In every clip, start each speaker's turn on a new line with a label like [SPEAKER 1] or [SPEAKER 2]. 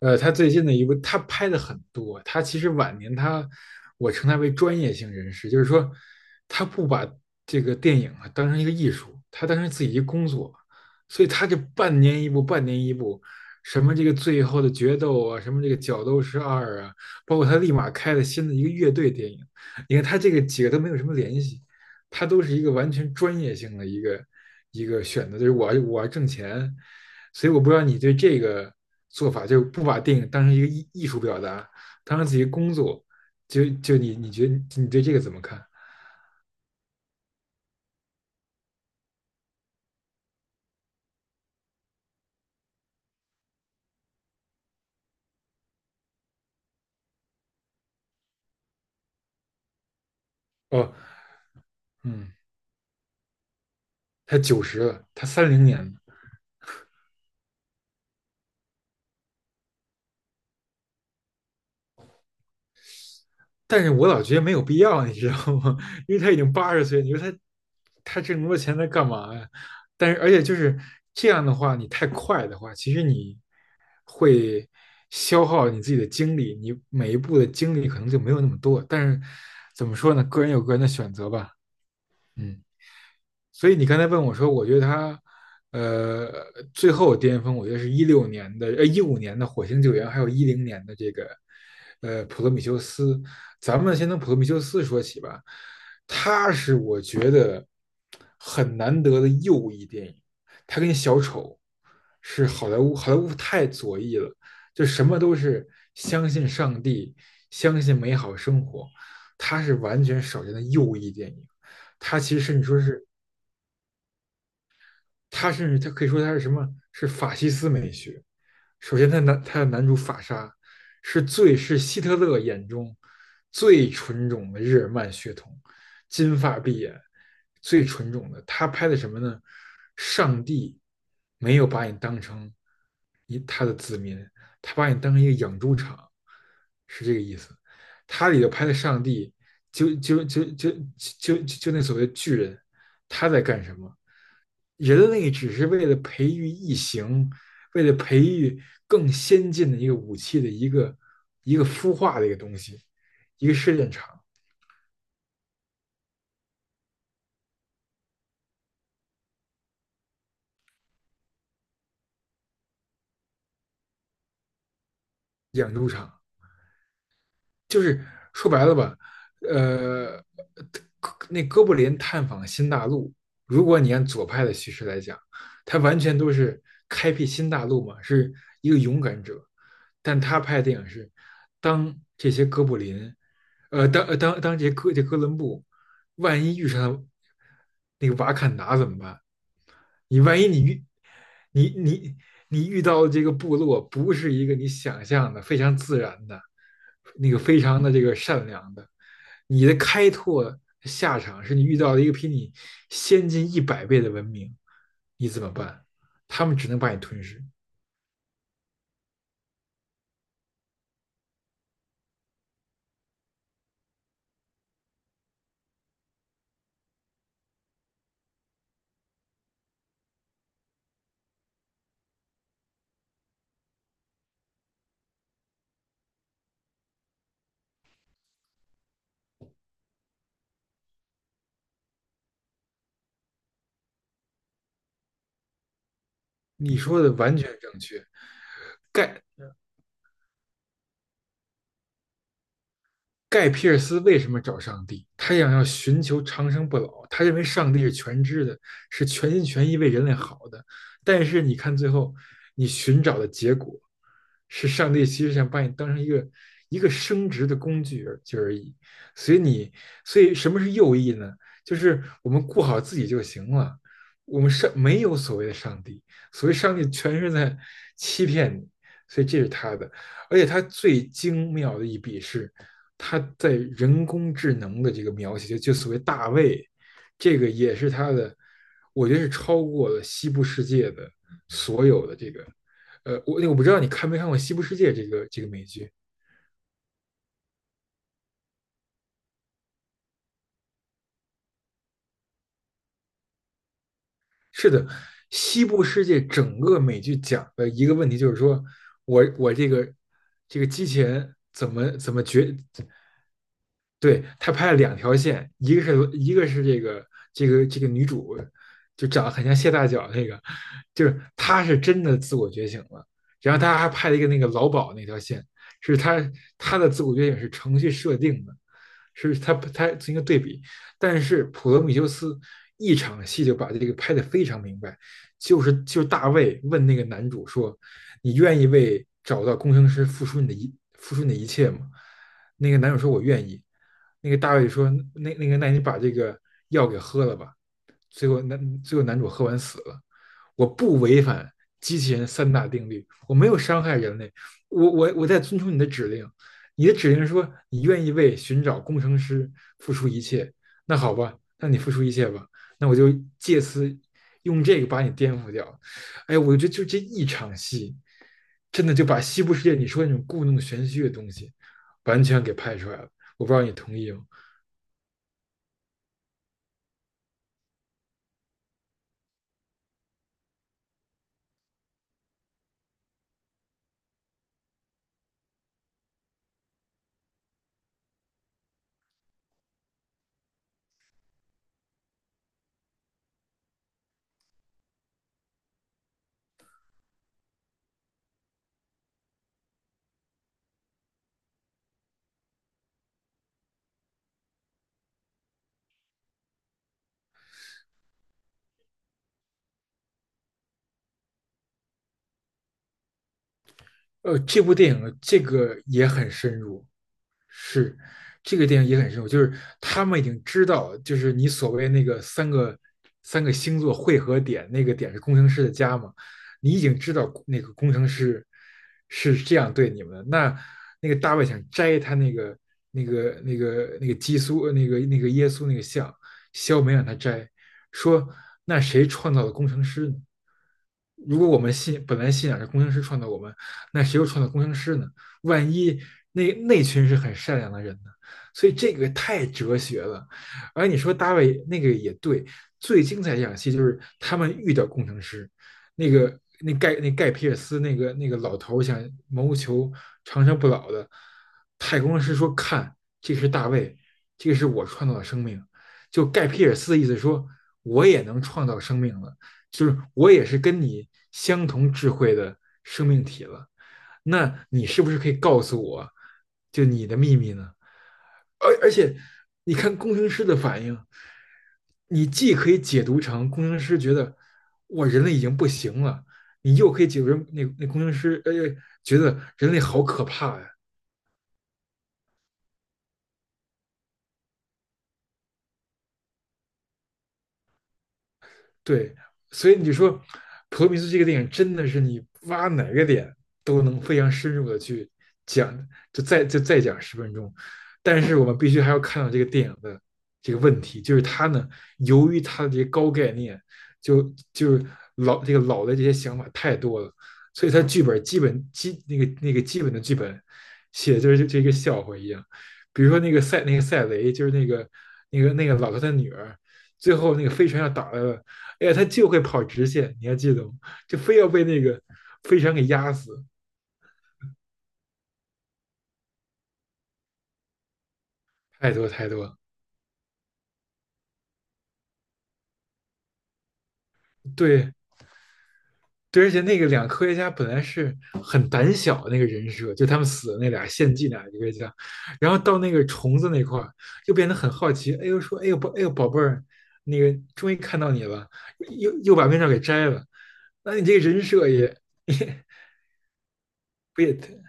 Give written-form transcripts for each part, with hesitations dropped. [SPEAKER 1] 他最近的一部，他拍的很多。他其实晚年我称他为专业性人士，就是说，他不把这个电影啊当成一个艺术，他当成自己一个工作。所以他这半年一部，半年一部，什么这个最后的决斗啊，什么这个角斗士二啊，包括他立马开了新的一个乐队电影。你看他这个几个都没有什么联系，他都是一个完全专业性的一个选择，就是我要挣钱，所以我不知道你对这个做法，就不把电影当成一个艺术表达，当成自己工作，就你觉得你对这个怎么看？哦，嗯，他90了，他30年的，但是我老觉得没有必要，你知道吗？因为他已经80岁，你说他挣那么多钱他干嘛呀？但是而且就是这样的话，你太快的话，其实你消耗你自己的精力，你每一步的精力可能就没有那么多。但是怎么说呢？个人有个人的选择吧，嗯。所以你刚才问我说，我觉得他，呃，最后巅峰，我觉得是16年的，15年的火星救援，还有10年的这个，普罗米修斯。咱们先从普罗米修斯说起吧，他是我觉得很难得的右翼电影，他跟小丑是好莱坞，好莱坞太左翼了，就什么都是相信上帝，相信美好生活，他是完全少见的右翼电影。他其实甚至说是他甚至他可以说他是什么？是法西斯美学。首先他的男主法沙是最是希特勒眼中最纯种的日耳曼血统，金发碧眼，最纯种的。他拍的什么呢？上帝没有把你当成他把你当成一个养猪场，是这个意思。他里头拍的上帝，就就就就就那所谓巨人，他在干什么？人类只是为了培育异形，为了培育更先进的一个武器的一个孵化的一个东西，一个试验场、养猪场。就是说白了吧，呃，那哥布林探访新大陆，如果你按左派的叙事来讲，他完全都是开辟新大陆嘛，是一个勇敢者。但他拍的电影是，当这些哥布林，当这哥伦布万一遇上那个瓦坎达怎么办？你万一你遇你你你遇到的这个部落不是一个你想象的非常自然的，那个非常的这个善良的，你的开拓下场是你遇到了一个比你先进100倍的文明，你怎么办？他们只能把你吞噬。你说的完全正确，盖。盖皮尔斯为什么找上帝？他想要寻求长生不老，他认为上帝是全知的，是全心全意为人类好的。但是你看，最后你寻找的结果是，上帝其实想把你当成一个生殖的工具而已。所以你，所以什么是右翼呢？就是我们顾好自己就行了。我们上没有所谓的上帝，所谓上帝全是在欺骗你。所以这是他的。而且它最精妙的一笔是，它在人工智能的这个描写，就所谓大卫，这个也是它的，我觉得是超过了西部世界的所有的这个，我不知道你看没看过西部世界这个美剧？是的，西部世界整个美剧讲的一个问题就是说，我这个机器人怎么。对，他拍了两条线，一个是这个女主，就长得很像谢大脚那个，就是她是真的自我觉醒了。然后他还拍了一个那个劳保那条线，是他他的自我觉醒是程序设定的，他进行一个对比。但是普罗米修斯一场戏就把这个拍得非常明白，就是大卫问那个男主说：你愿意为找到工程师付出你的一切吗？"那个男主说："我愿意。"那个大卫说："那你把这个药给喝了吧。"最后男主喝完死了。我不违反机器人三大定律，我没有伤害人类，我在遵从你的指令。你的指令说你愿意为寻找工程师付出一切，那好吧，那你付出一切吧，那我就借此用这个把你颠覆掉。哎，我觉得就这一场戏，真的就把西部世界你说那种故弄玄虚的东西，完全给拍出来了。我不知道你同意吗？这部电影这个也很深入，是，这个电影也很深入，就是他们已经知道，就是你所谓那个三个星座汇合点，那个点是工程师的家嘛，你已经知道那个工程师是这样对你们的。那个大卫想摘他那个基督那个耶稣那个像，肖梅让他摘，说那谁创造了工程师呢？如果我们信本来信仰是工程师创造我们，那谁又创造工程师呢？万一那群是很善良的人呢？所以这个太哲学了。而你说大卫那个也对，最精彩一场戏就是他们遇到工程师，那个那盖那盖皮尔斯那个老头想谋求长生不老的，太空师说："看，这是大卫，这个是我创造的生命。"就盖皮尔斯的意思说，我也能创造生命了，就是我也是跟你相同智慧的生命体了。那你是不是可以告诉我，就你的秘密呢？而且，你看工程师的反应，你既可以解读成工程师觉得哇人类已经不行了，你又可以解读成那工程师觉得人类好可怕呀、对，所以你就说《普罗米修斯》这个电影真的是你挖哪个点都能非常深入的去讲，就再讲10分钟。但是我们必须还要看到这个电影的这个问题，就是它呢，由于它的这些高概念，就就是老的这些想法太多了，所以它剧本基本基那个那个基本的剧本写的就是这个笑话一样。比如说那个赛雷，就是那个老头的女儿，最后那个飞船要打了。哎呀，他就会跑直线，你还记得吗？就非要被那个飞船给压死，太多太多对对，而且那个两个科学家本来是很胆小那个人设，就他们死的那俩献祭那俩科学家，然后到那个虫子那块儿又变得很好奇，哎呦说，哎呦宝，哎呦宝贝儿，那个终于看到你了，又把面罩给摘了，那你这个人设也不也，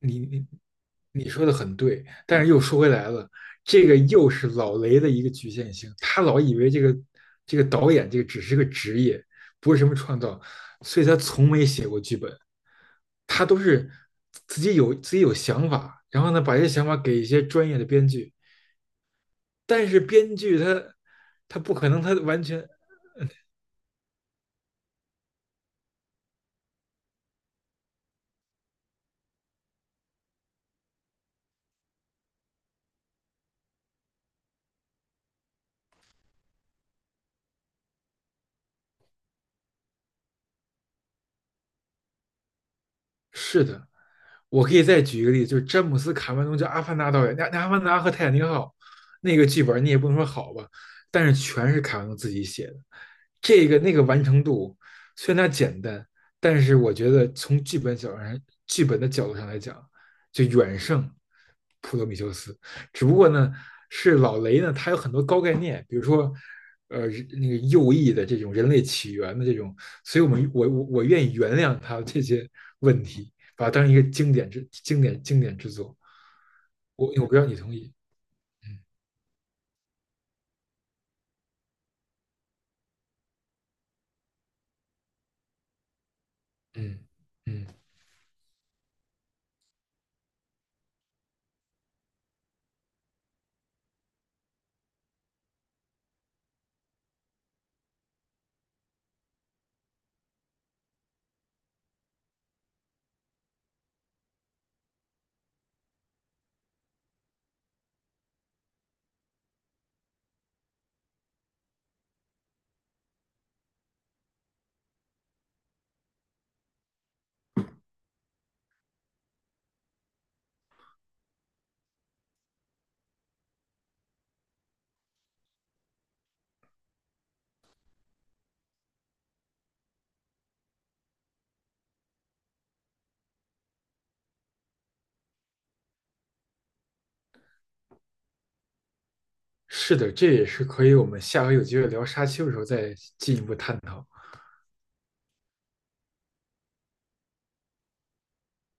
[SPEAKER 1] 你你你说的很对，但是又说回来了，这个又是老雷的一个局限性，他老以为这个这个导演这个只是个职业，不是什么创造，所以他从没写过剧本，他都是自己有自己有想法，然后呢把这些想法给一些专业的编剧，但是编剧他不可能他完全。是的，我可以再举一个例子，就是詹姆斯·卡梅隆，叫《阿凡达》导演，那《阿凡达》和《泰坦尼克号》那个剧本，你也不能说好吧，但是全是卡梅隆自己写的，这个那个完成度虽然它简单，但是我觉得从剧本角度上，剧本的角度上来讲，就远胜普罗米修斯。只不过呢，是老雷呢，他有很多高概念，比如说，呃，那个右翼的这种人类起源的这种所以我们我愿意原谅他这些问题，把它当成一个经典之作。我不要你同意，嗯嗯嗯，是的，这也是可以我们下回有机会聊沙丘的时候再进一步探讨。